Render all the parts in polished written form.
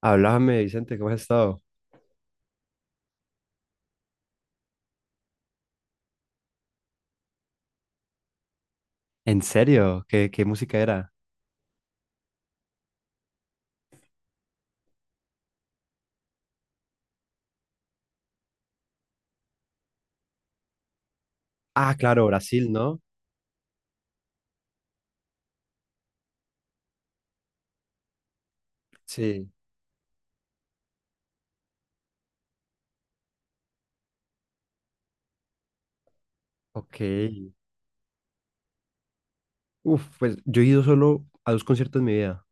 Háblame, Vicente, ¿cómo has estado? ¿En serio? ¿Qué música era? Ah, claro, Brasil, ¿no? Sí, ok. Uf, pues yo he ido solo a dos conciertos en mi vida.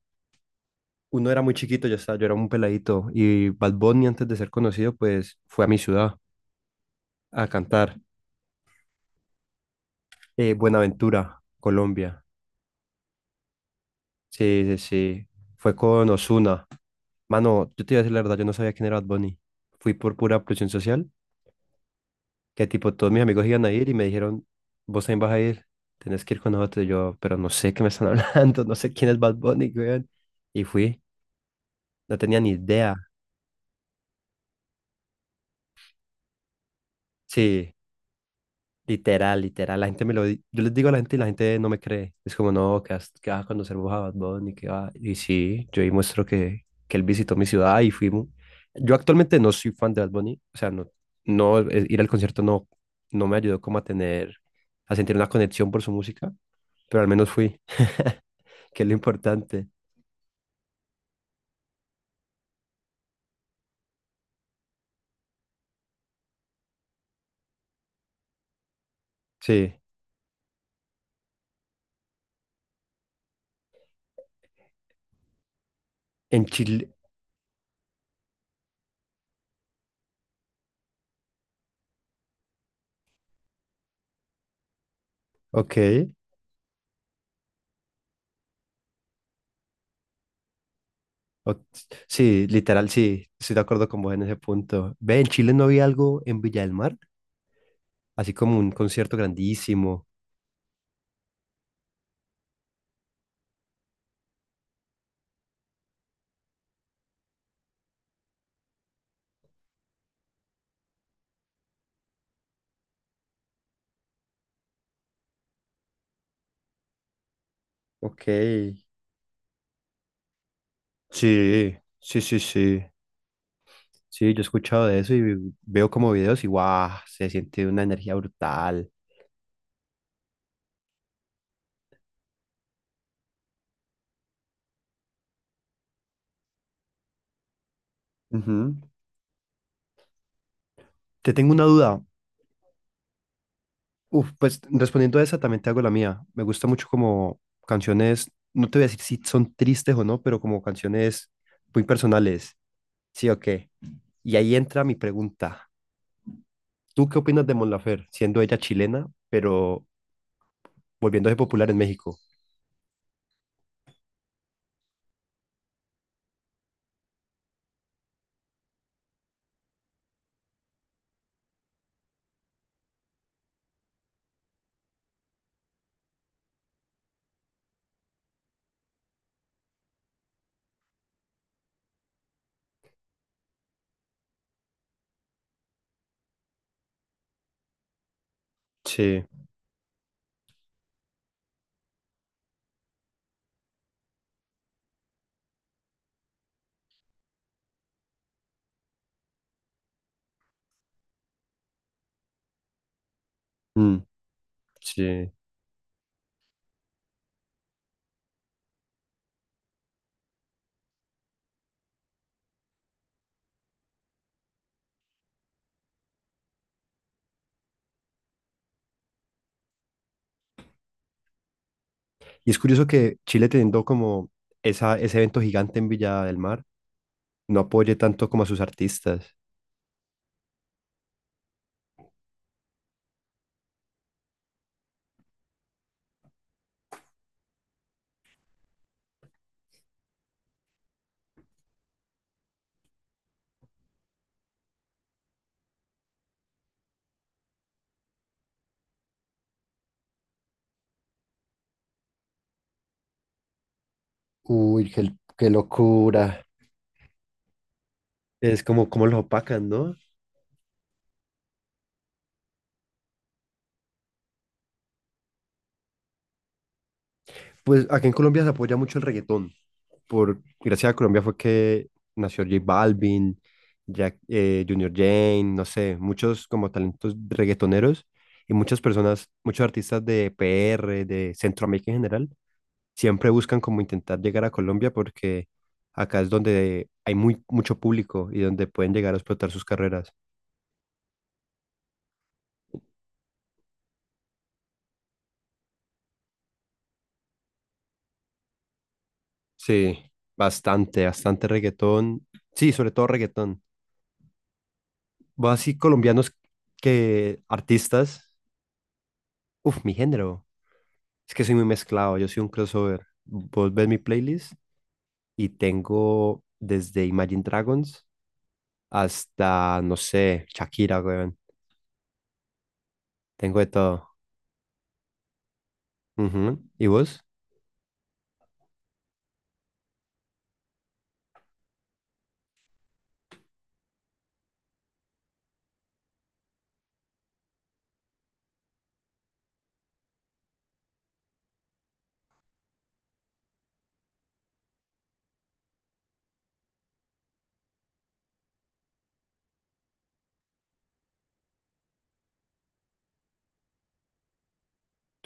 Uno era muy chiquito, yo era un peladito. Y Bad Bunny, antes de ser conocido, pues fue a mi ciudad a cantar. Buenaventura, Colombia. Sí, sí, sí. Fue con Ozuna. Mano, yo te iba a decir la verdad, yo no sabía quién era Bad Bunny. Fui por pura presión social que tipo todos mis amigos iban a ir y me dijeron, vos también vas a ir, tenés que ir con nosotros. Y yo, pero no sé qué me están hablando, no sé quién es Bad Bunny, weón. Y fui, no tenía ni idea. Sí. Literal, literal. La gente me lo... di- Yo les digo a la gente y la gente no me cree. Es como, no, que vas a conocer vos a Bad Bunny, que va... Y sí, yo ahí muestro que él visitó mi ciudad y fuimos. Yo actualmente no soy fan de Bad Bunny. O sea, no, no, ir al concierto no, no me ayudó como a tener, a sentir una conexión por su música, pero al menos fui, que es lo importante. Sí, en Chile, ok. o- sí, literal, sí, estoy de acuerdo con vos en ese punto. Ve, en Chile no había algo en Villa del Mar, así como un concierto grandísimo. Ok. Sí, sí, sí, sí. Sí, yo he escuchado de eso y veo como videos y guau, se siente una energía brutal. Ujú. Te tengo una duda. Uf, pues respondiendo a esa también te hago la mía. Me gusta mucho como canciones, no te voy a decir si son tristes o no, pero como canciones muy personales. Sí o qué. Y ahí entra mi pregunta. ¿Tú qué opinas de Mon Laferte, siendo ella chilena, pero volviéndose popular en México? Sí, mm, sí. Y es curioso que Chile teniendo como esa, ese evento gigante en Villa del Mar, no apoye tanto como a sus artistas. Uy, qué, qué locura. Es como, como los opacan, ¿no? Pues acá en Colombia se apoya mucho el reggaetón. Por, gracias a Colombia fue que nació J Balvin, Jack, Junior Jane, no sé, muchos como talentos reggaetoneros y muchas personas, muchos artistas de PR, de Centroamérica en general, siempre buscan como intentar llegar a Colombia porque acá es donde hay muy, mucho público y donde pueden llegar a explotar sus carreras. Sí, bastante, bastante reggaetón. Sí, sobre todo reggaetón. Vos así colombianos que artistas. Uf, mi género. Es que soy muy mezclado, yo soy un crossover. Vos ves mi playlist y tengo desde Imagine Dragons hasta, no sé, Shakira, weón. Tengo de todo. Ujú. ¿Y vos?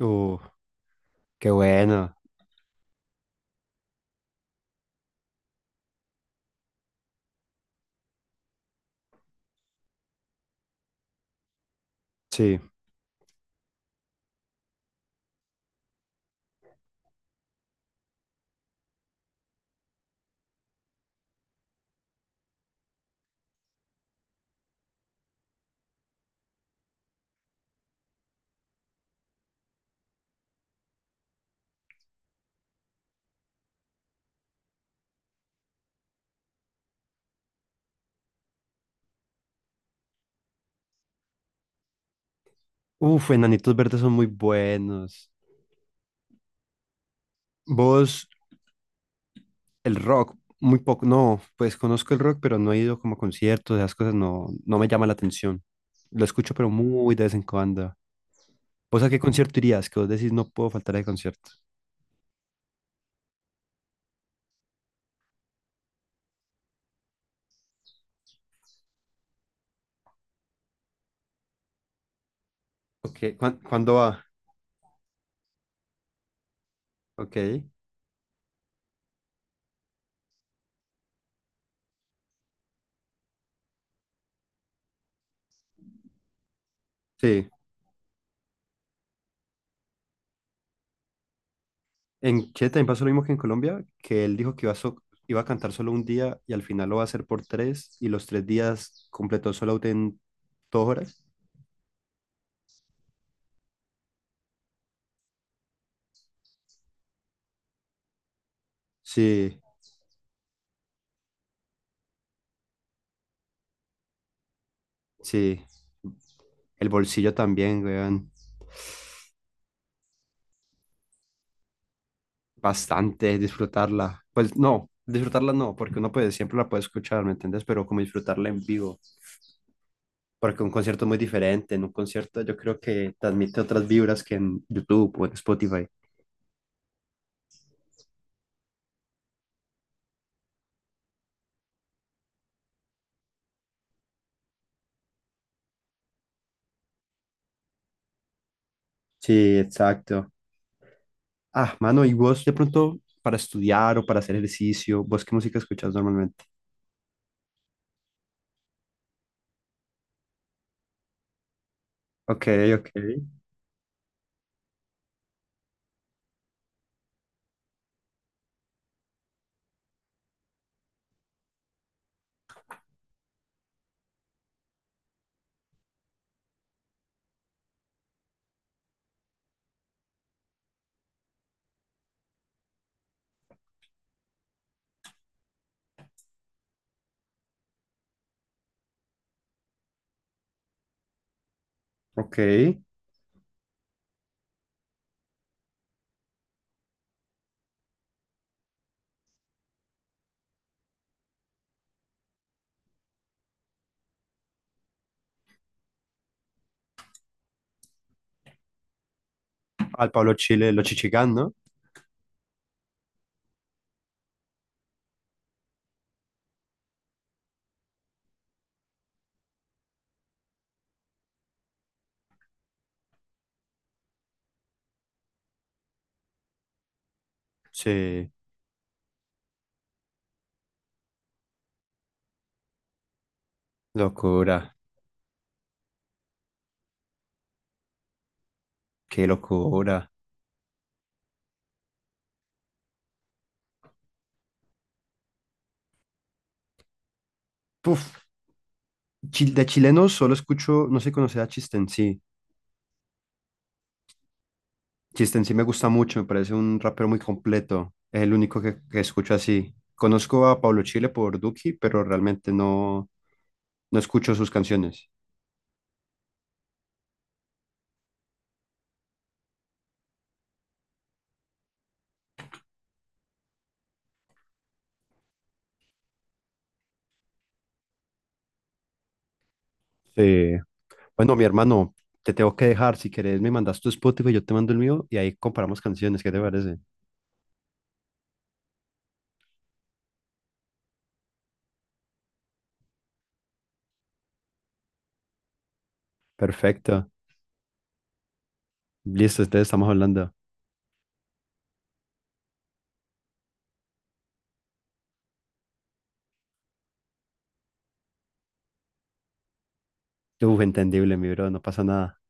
Uf, qué bueno. Sí. Uf, Enanitos Verdes son muy buenos. Vos, el rock, muy poco. No, pues conozco el rock, pero no he ido como a conciertos, esas cosas no, no me llama la atención. Lo escucho, pero muy de vez en cuando. ¿Vos a qué concierto irías? Que vos decís, no puedo faltar al concierto. Ok, ¿cuándo va? Ok, sí. En Chile también pasó lo mismo que en Colombia, que él dijo que iba a, iba a cantar solo un día y al final lo va a hacer por tres y los tres días completó solo en dos horas. Sí, sí. El bolsillo también, weón. Bastante, disfrutarla. Pues no, disfrutarla no, porque uno puede, siempre la puede escuchar, ¿me entiendes? Pero como disfrutarla en vivo, porque un concierto es muy diferente. En un concierto yo creo que transmite otras vibras que en YouTube o en Spotify. Sí, exacto. Ah, mano, ¿y vos de pronto para estudiar o para hacer ejercicio, vos qué música escuchas normalmente? Ok, ok, ok. Al Pablo Chile, Los Chichigán, ¿no? Sí, locura, qué locura. Puf. De chilenos solo escucho, no sé si conoces a Chistency. Chistency me gusta mucho, me parece un rapero muy completo. Es el único que escucho así. Conozco a Pablo Chile por Duki, pero realmente no, no escucho sus canciones. Eh, bueno, mi hermano, te tengo que dejar. Si querés, me mandas tu Spotify, yo te mando el mío y ahí comparamos canciones. ¿Qué te parece? Perfecto. Listo, ustedes estamos hablando. Uf, entendible, mi bro, no pasa nada.